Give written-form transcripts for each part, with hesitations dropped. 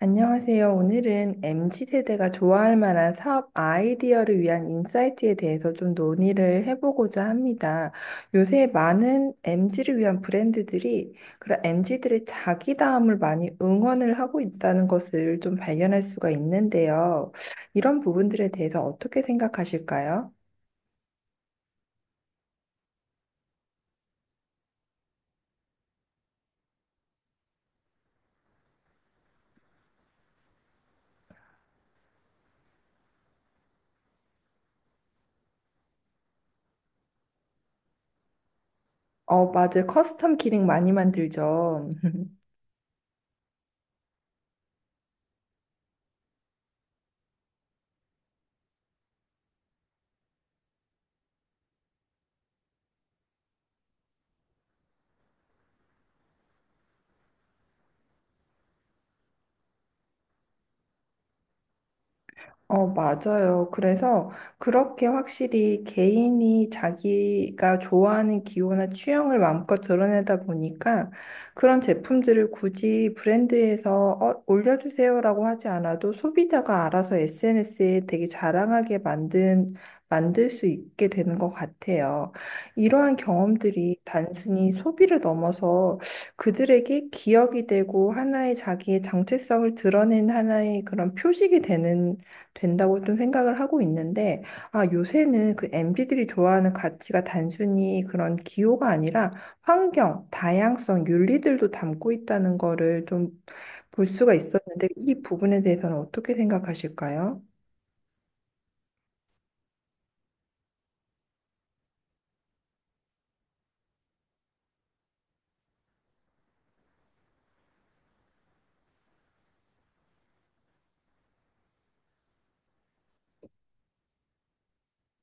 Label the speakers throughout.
Speaker 1: 안녕하세요. 오늘은 MZ세대가 좋아할 만한 사업 아이디어를 위한 인사이트에 대해서 좀 논의를 해보고자 합니다. 요새 많은 MZ를 위한 브랜드들이 그런 MZ들의 자기다움을 많이 응원을 하고 있다는 것을 좀 발견할 수가 있는데요. 이런 부분들에 대해서 어떻게 생각하실까요? 맞아요. 커스텀 기능 많이 만들죠. 맞아요. 그래서 그렇게 확실히 개인이 자기가 좋아하는 기호나 취향을 마음껏 드러내다 보니까 그런 제품들을 굳이 브랜드에서 올려주세요라고 하지 않아도 소비자가 알아서 SNS에 되게 자랑하게 만들 수 있게 되는 것 같아요. 이러한 경험들이 단순히 소비를 넘어서 그들에게 기억이 되고 하나의 자기의 정체성을 드러낸 하나의 그런 표식이 되는 된다고 좀 생각을 하고 있는데, 아, 요새는 그 MZ들이 좋아하는 가치가 단순히 그런 기호가 아니라 환경, 다양성, 윤리들도 담고 있다는 거를 좀 볼 수가 있었는데, 이 부분에 대해서는 어떻게 생각하실까요?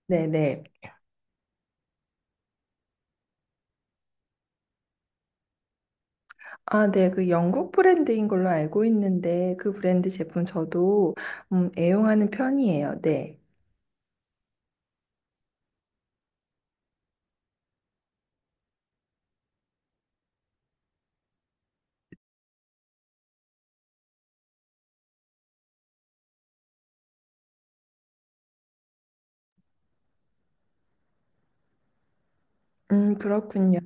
Speaker 1: 네네. 아, 네. 그 영국 브랜드인 걸로 알고 있는데, 그 브랜드 제품 저도 애용하는 편이에요. 네. 그렇군요.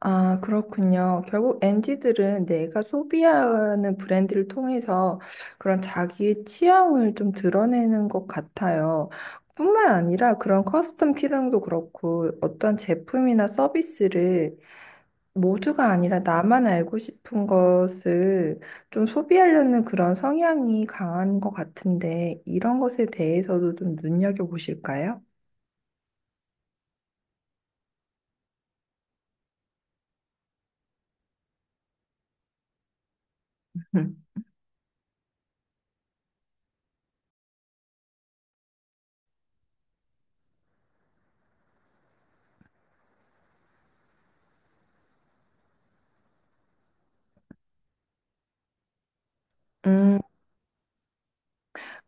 Speaker 1: 아, 그렇군요. 결국 m 지들은 내가 소비하는 브랜드를 통해서 그런 자기의 취향을 좀 드러내는 것 같아요. 뿐만 아니라 그런 커스텀 키링도 그렇고 어떤 제품이나 서비스를 모두가 아니라 나만 알고 싶은 것을 좀 소비하려는 그런 성향이 강한 것 같은데 이런 것에 대해서도 좀 눈여겨보실까요? 음.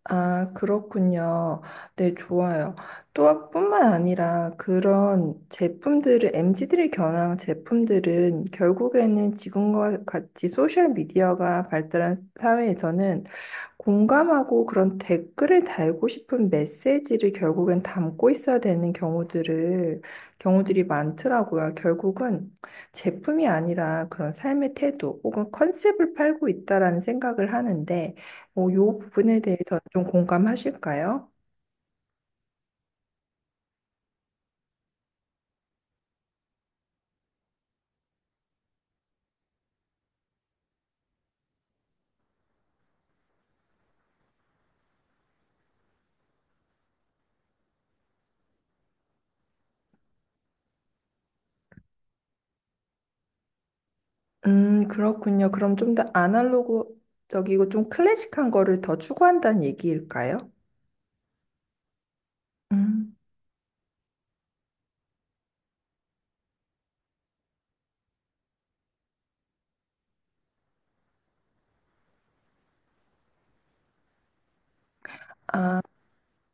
Speaker 1: 아, 그렇군요. 네, 좋아요. 또 뿐만 아니라 그런 제품들을, m 지들이 겨냥한 제품들은 결국에는 지금과 같이 소셜미디어가 발달한 사회에서는 공감하고 그런 댓글을 달고 싶은 메시지를 결국엔 담고 있어야 되는 경우들이 많더라고요. 결국은 제품이 아니라 그런 삶의 태도 혹은 컨셉을 팔고 있다라는 생각을 하는데, 뭐, 요 부분에 대해서 좀 공감하실까요? 그렇군요. 그럼 좀 더 아날로그적이고 좀 클래식한 거를 더 추구한다는 얘기일까요? 음.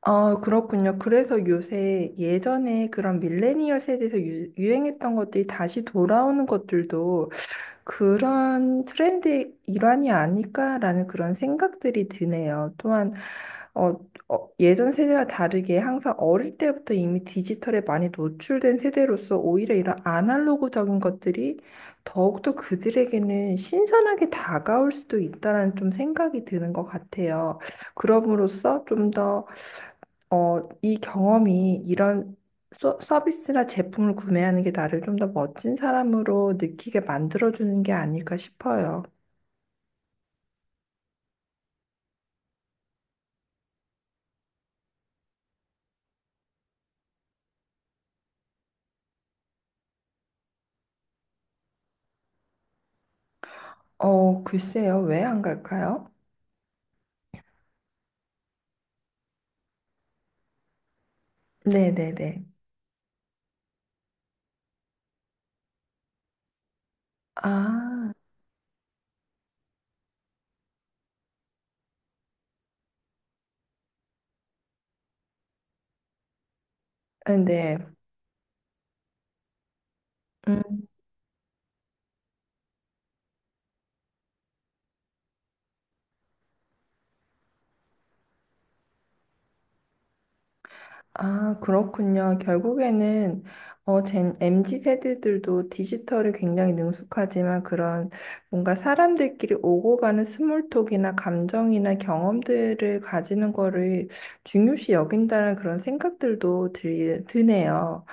Speaker 1: 아, 그렇군요. 그래서 요새 예전에 그런 밀레니얼 세대에서 유행했던 것들이 다시 돌아오는 것들도 그런 트렌드의 일환이 아닐까라는 그런 생각들이 드네요. 또한 어, 예전 세대와 다르게 항상 어릴 때부터 이미 디지털에 많이 노출된 세대로서 오히려 이런 아날로그적인 것들이 더욱더 그들에게는 신선하게 다가올 수도 있다라는 좀 생각이 드는 것 같아요. 그럼으로써 좀더 이 경험이 이런 서비스나 제품을 구매하는 게 나를 좀 더 멋진 사람으로 느끼게 만들어주는 게 아닐까 싶어요. 글쎄요. 왜 안 갈까요? 네네네. 아, 네. 아, 그렇군요. 결국에는 MZ 세대들도 디지털에 굉장히 능숙하지만 그런 뭔가 사람들끼리 오고 가는 스몰톡이나 감정이나 경험들을 가지는 거를 중요시 여긴다는 그런 생각들도 드네요.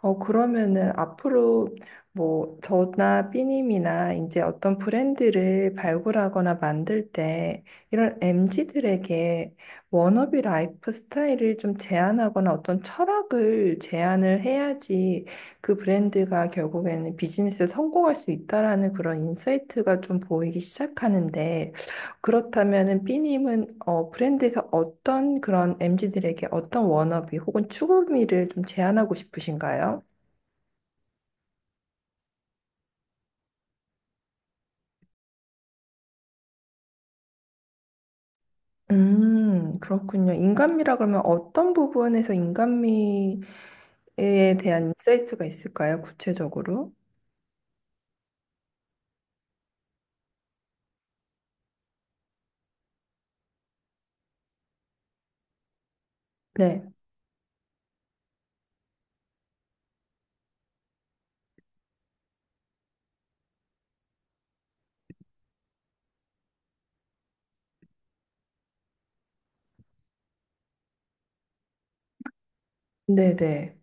Speaker 1: 그러면은 앞으로 뭐 저나 삐님이나 이제 어떤 브랜드를 발굴하거나 만들 때 이런 m 지들에게 워너비 라이프 스타일을 좀 제안하거나 어떤 철학을 제안을 해야지 그 브랜드가 결국에는 비즈니스에 성공할 수 있다라는 그런 인사이트가 좀 보이기 시작하는데 그렇다면은 삐님은 브랜드에서 어떤 그런 m 지들에게 어떤 워너비 혹은 추구미를 좀 제안하고 싶으신가요? 그렇군요. 인간미라 그러면 어떤 부분에서 인간미에 대한 인사이트가 있을까요? 구체적으로? 네. 네네.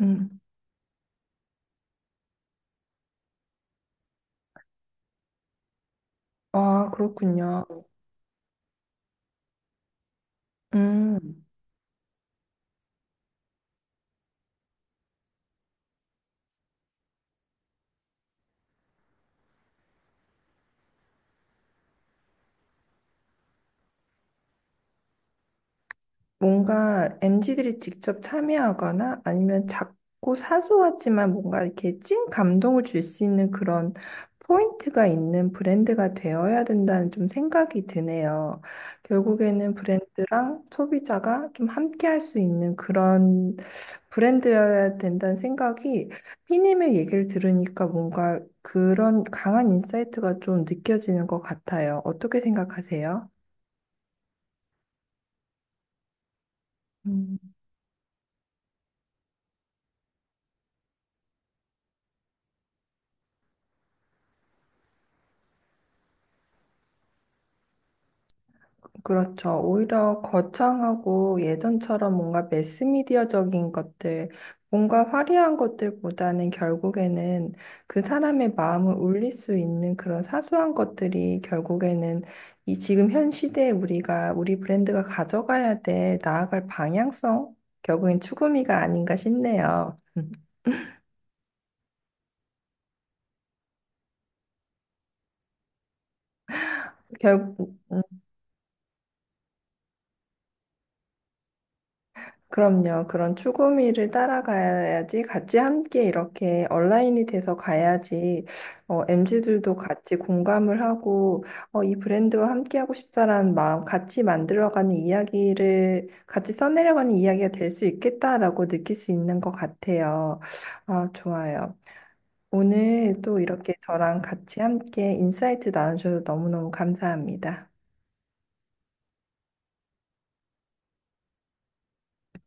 Speaker 1: 음. 아, 그렇군요. 음. 뭔가 m 지들이 직접 참여하거나 아니면 작고 사소하지만 뭔가 이렇게 찐 감동을 줄 수 있는 그런 포인트가 있는 브랜드가 되어야 된다는 좀 생각이 드네요. 결국에는 브랜드랑 소비자가 좀 함께 할 수 있는 그런 브랜드여야 된다는 생각이 피님의 얘기를 들으니까 뭔가 그런 강한 인사이트가 좀 느껴지는 것 같아요. 어떻게 생각하세요? 음. 그렇죠. 오히려 거창하고 예전처럼 뭔가 매스미디어적인 것들, 뭔가 화려한 것들보다는 결국에는 그 사람의 마음을 울릴 수 있는 그런 사소한 것들이 결국에는 이 지금 현 시대에 우리가 우리 브랜드가 가져가야 될 나아갈 방향성, 결국엔 추구미가 아닌가 싶네요. 결, 그럼요. 그런 추구미를 따라가야지 같이 함께 이렇게 얼라인이 돼서 가야지 MZ들도 같이 공감을 하고 이 브랜드와 함께 하고 싶다라는 마음 같이 만들어가는 이야기를 같이 써내려가는 이야기가 될 수 있겠다라고 느낄 수 있는 것 같아요. 아, 좋아요. 오늘 또 이렇게 저랑 같이 함께 인사이트 나눠주셔서 너무너무 감사합니다.